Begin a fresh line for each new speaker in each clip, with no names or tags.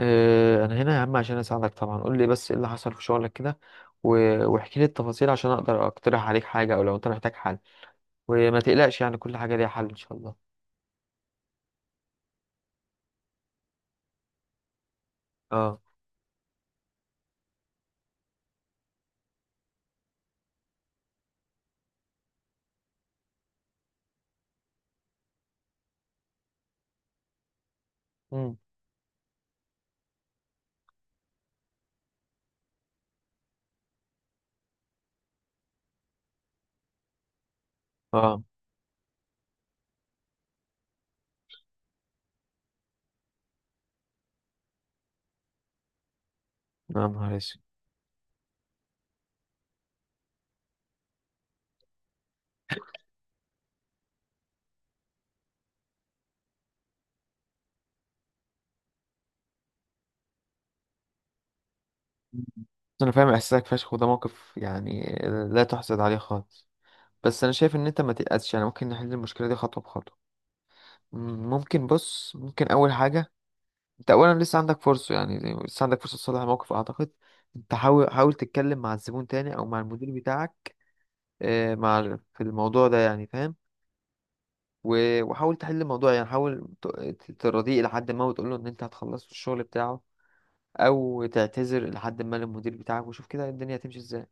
انا هنا يا عم عشان اساعدك طبعا، قول لي بس ايه اللي حصل في شغلك كده. و- واحكي لي التفاصيل عشان اقدر اقترح عليك حاجه او لو انت محتاج حل. وما تقلقش، يعني كل حاجه ليها حل ان شاء الله. اه. مم. اه. يا نهار اسود. مم. انا فاهم احساسك فشخ، وده موقف يعني لا تحسد عليه خالص. بس انا شايف ان انت ما تقلقش، يعني ممكن نحل المشكله دي خطوه بخطوه. ممكن، بص، ممكن اول حاجه انت اولا لسه عندك فرصه، يعني لسه عندك فرصه تصلح الموقف اعتقد. انت حاول، تتكلم مع الزبون تاني او مع المدير بتاعك. مع في الموضوع ده يعني، فاهم؟ و- وحاول تحل الموضوع، يعني حاول تراضيه لحد ما، وتقول له ان انت هتخلص الشغل بتاعه، او تعتذر لحد ما للمدير بتاعك، وشوف كده الدنيا هتمشي ازاي.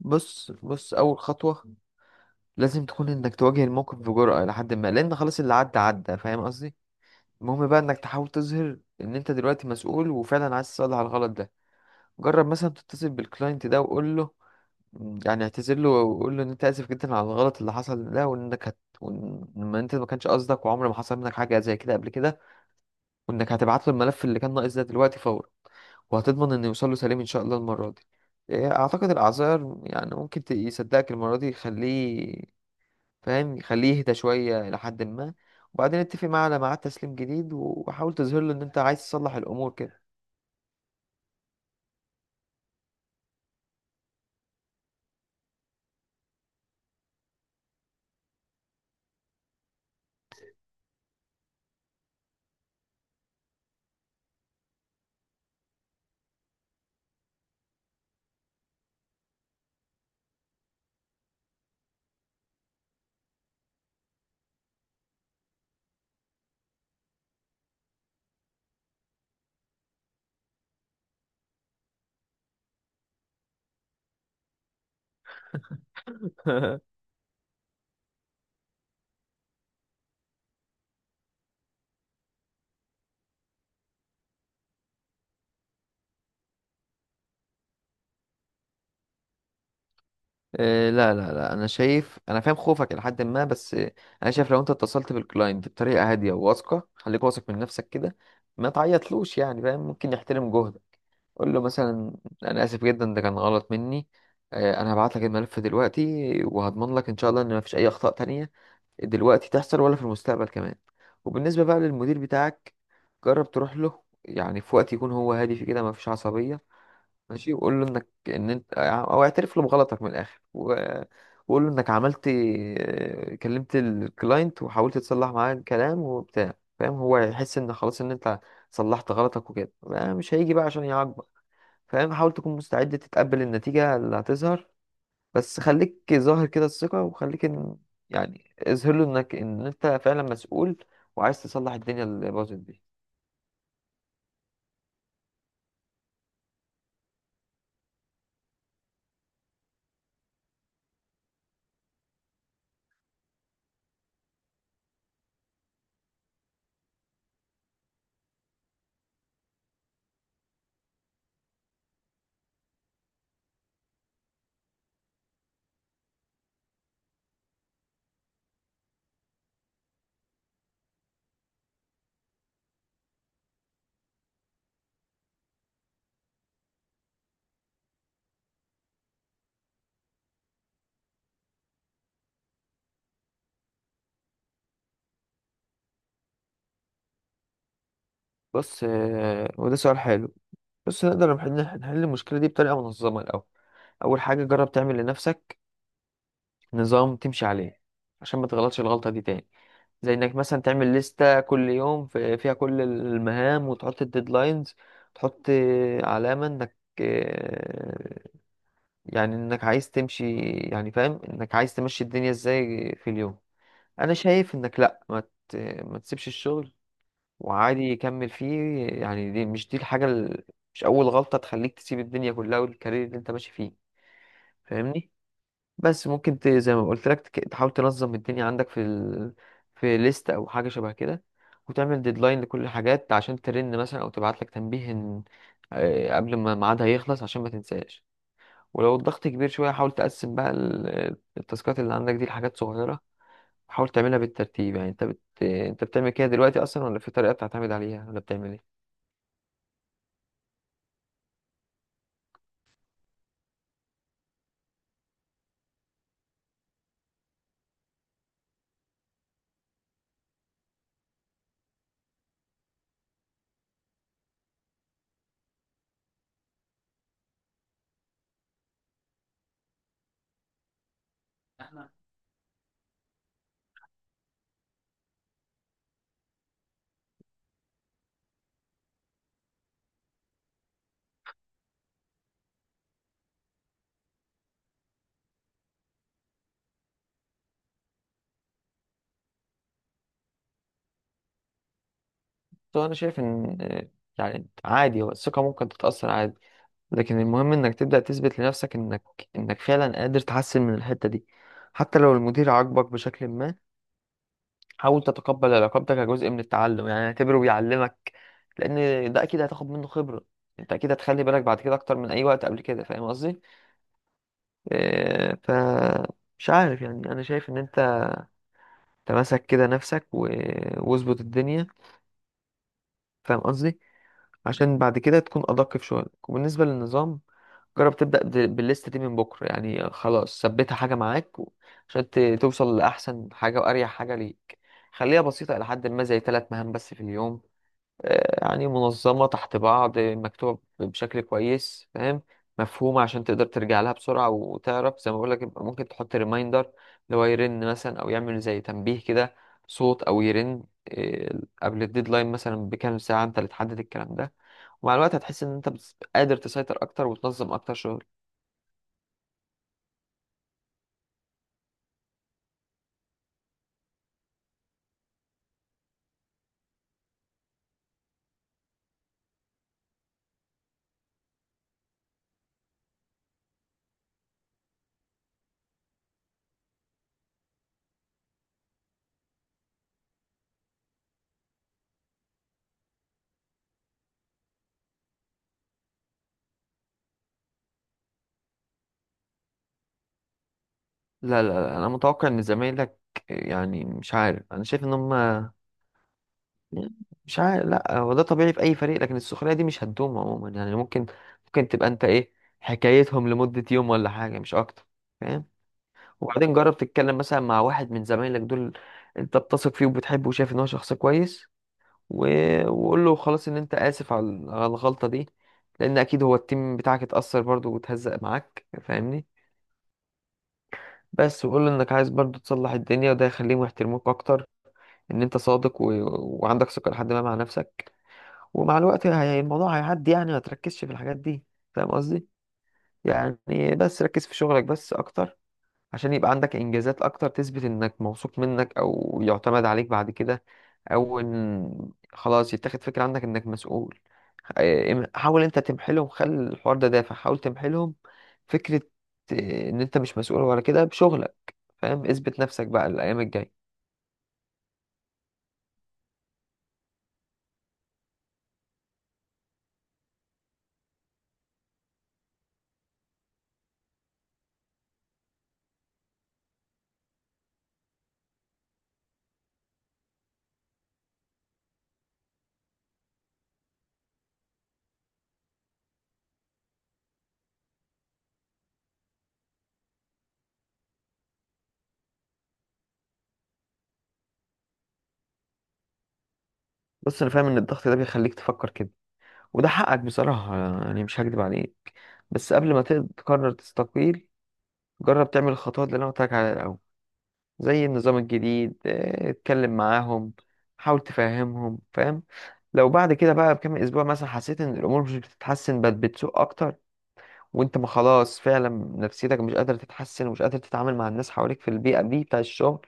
بص، اول خطوة لازم تكون انك تواجه الموقف بجرأة لحد ما، لان خلاص اللي عدى عدى، فاهم قصدي؟ المهم بقى انك تحاول تظهر ان انت دلوقتي مسؤول وفعلا عايز تصلح الغلط ده. جرب مثلا تتصل بالكلاينت ده وقول له، يعني اعتذر له وقول له ان انت اسف جدا على الغلط اللي حصل ده، وانك وان انت ما كانش قصدك، وعمر ما حصل منك حاجه زي كده قبل كده، وانك هتبعت له الملف اللي كان ناقص ده دلوقتي فورا، وهتضمن انه يوصل له سليم ان شاء الله المره دي. اعتقد الاعذار يعني ممكن يصدقك المره دي، يخليه فاهم، يخليه يهدى شويه الى حد ما. وبعدين اتفق معاه على ميعاد تسليم جديد، وحاول تظهر له ان انت عايز تصلح الامور كده. لا لا لا، انا شايف، انا فاهم خوفك الى حد ما، بس انا شايف لو انت اتصلت بالكلاينت بطريقه هاديه وواثقه، خليك واثق من نفسك كده، ما تعيطلوش، يعني فاهم، ممكن يحترم جهدك. قول له مثلا: انا اسف جدا، ده كان غلط مني، انا هبعت لك الملف دلوقتي، وهضمن لك ان شاء الله ان ما فيش اي اخطاء تانية دلوقتي تحصل ولا في المستقبل كمان. وبالنسبه بقى للمدير بتاعك، جرب تروح له، يعني في وقت يكون هو هادي في كده، ما فيش عصبيه، ماشي. وقول له انك، ان انت او اعترف له بغلطك من الاخر، و... وقول له انك عملت، كلمت الكلاينت وحاولت تصلح معاه الكلام وبتاع، فاهم. هو هيحس ان خلاص ان انت صلحت غلطك، وكده بقى مش هيجي بقى عشان يعاقبك، فاهم. حاول تكون مستعد تتقبل النتيجة اللي هتظهر، بس خليك ظاهر كده الثقة، وخليك ان، يعني اظهر له انك ان انت فعلا مسؤول وعايز تصلح الدنيا اللي باظت دي. بص، وده سؤال حلو. بص، نقدر نحل، المشكلة دي بطريقة منظمة الأول. اول حاجه جرب تعمل لنفسك نظام تمشي عليه عشان ما تغلطش الغلطه دي تاني. زي انك مثلا تعمل لستة كل يوم فيها كل المهام، وتحط الديدلاينز، تحط علامة انك آه، يعني انك عايز تمشي، يعني فاهم انك عايز تمشي الدنيا ازاي في اليوم. انا شايف انك لا، ت- ما تسيبش الشغل، وعادي يكمل فيه، يعني دي مش، دي الحاجة مش اول غلطة تخليك تسيب الدنيا كلها والكارير اللي انت ماشي فيه، فاهمني؟ بس ممكن زي ما قلت لك تحاول تنظم الدنيا عندك في في ليست او حاجه شبه كده، وتعمل ديدلاين لكل الحاجات عشان ترن مثلا او تبعت لك تنبيه قبل ما ميعادها يخلص عشان ما تنساش. ولو الضغط كبير شويه، حاول تقسم بقى التاسكات اللي عندك دي لحاجات صغيره، حاول تعملها بالترتيب. يعني انت انت بتعمل كده دلوقتي اصلا، ولا في طريقه بتعتمد عليها، ولا بتعمل ايه؟ طبعا انا شايف ان يعني عادي، هو الثقه ممكن تتاثر عادي، لكن المهم انك تبدأ تثبت لنفسك انك فعلا قادر تحسن من الحتة دي. حتى لو المدير عاقبك بشكل ما، حاول تتقبل علاقتك كجزء من التعلم، يعني اعتبره بيعلمك، لان ده اكيد هتاخد منه خبرة. انت اكيد هتخلي بالك بعد كده اكتر من اي وقت قبل كده، فاهم قصدي؟ ف مش عارف، يعني انا شايف ان انت تمسك كده نفسك و... واظبط الدنيا، فاهم قصدي، عشان بعد كده تكون ادق في شغلك. وبالنسبة للنظام، جرب تبدأ بالليست دي من بكرة، يعني خلاص ثبتها حاجة معاك، و- عشان توصل لأحسن حاجة وأريح حاجة ليك. خليها بسيطة إلى حد ما، زي ثلاث مهام بس في اليوم، يعني منظمة تحت بعض، مكتوبة بشكل كويس، فاهم، مفهومة، عشان تقدر ترجع لها بسرعة وتعرف. زي ما بقولك، يبقى ممكن تحط ريمايندر، اللي هو يرن مثلا أو يعمل زي تنبيه كده، صوت أو يرن قبل الديدلاين مثلا بكام ساعة، أنت اللي تحدد الكلام ده. ومع الوقت هتحس ان انت قادر تسيطر اكتر وتنظم اكتر. لا لا لا، انا متوقع ان زمايلك، يعني مش عارف، انا شايف ان هم، مش عارف، لا هو ده طبيعي في اي فريق، لكن السخريه دي مش هتدوم عموما، يعني ممكن، تبقى انت ايه، حكايتهم لمده يوم ولا حاجه مش اكتر، فاهم. وبعدين جرب تتكلم مثلا مع واحد من زمايلك دول انت بتثق فيه وبتحبه وشايف ان هو شخص كويس، و... وقول له خلاص ان انت اسف على الغلطه دي، لان اكيد هو التيم بتاعك اتاثر برضه وتهزق معاك، فاهمني؟ بس وقول له انك عايز برضه تصلح الدنيا، وده يخليهم يحترموك اكتر، ان انت صادق و... وعندك ثقة لحد ما مع نفسك. ومع الوقت الموضوع هيعدي، يعني ما تركزش في الحاجات دي، فاهم قصدي؟ يعني بس ركز في شغلك بس اكتر، عشان يبقى عندك انجازات اكتر تثبت انك موثوق منك، او يعتمد عليك بعد كده، او ان خلاص يتاخد فكرة عندك انك مسؤول. حاول انت تمحلهم، خلي الحوار ده دافع، حاول تمحلهم فكرة ان انت مش مسؤول ولا كده بشغلك، فاهم. اثبت نفسك بقى الايام الجاية. بص، انا فاهم ان الضغط ده بيخليك تفكر كده، وده حقك بصراحة، يعني مش هكدب عليك، بس قبل ما تقرر تستقيل، جرب تعمل الخطوات اللي أنا قلت لك عليها الأول، زي النظام الجديد. اه، اتكلم معاهم، حاول تفهمهم، فاهم. لو بعد كده بقى بكام أسبوع مثلا حسيت إن الأمور مش بتتحسن بل بتسوء أكتر، وأنت ما خلاص فعلا نفسيتك مش قادر تتحسن، ومش قادر تتعامل مع الناس حواليك في البيئة دي بتاع الشغل،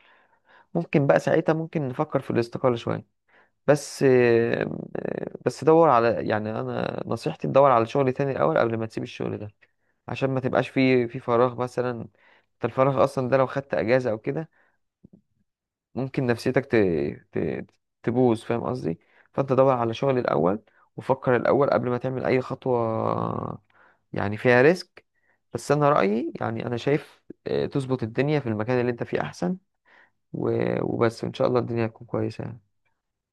ممكن بقى ساعتها، نفكر في الاستقالة شوية. بس، دور على، يعني انا نصيحتي تدور على شغل تاني الاول قبل ما تسيب الشغل ده، عشان ما تبقاش في فراغ. مثلا انت الفراغ اصلا ده لو خدت اجازه او كده، ممكن نفسيتك ت... تبوظ، فاهم قصدي؟ فانت دور على شغل الاول، وفكر الاول قبل ما تعمل اي خطوه يعني فيها ريسك. بس انا رايي، يعني انا شايف تظبط الدنيا في المكان اللي انت فيه احسن، و... وبس ان شاء الله الدنيا هتكون كويسه يعني.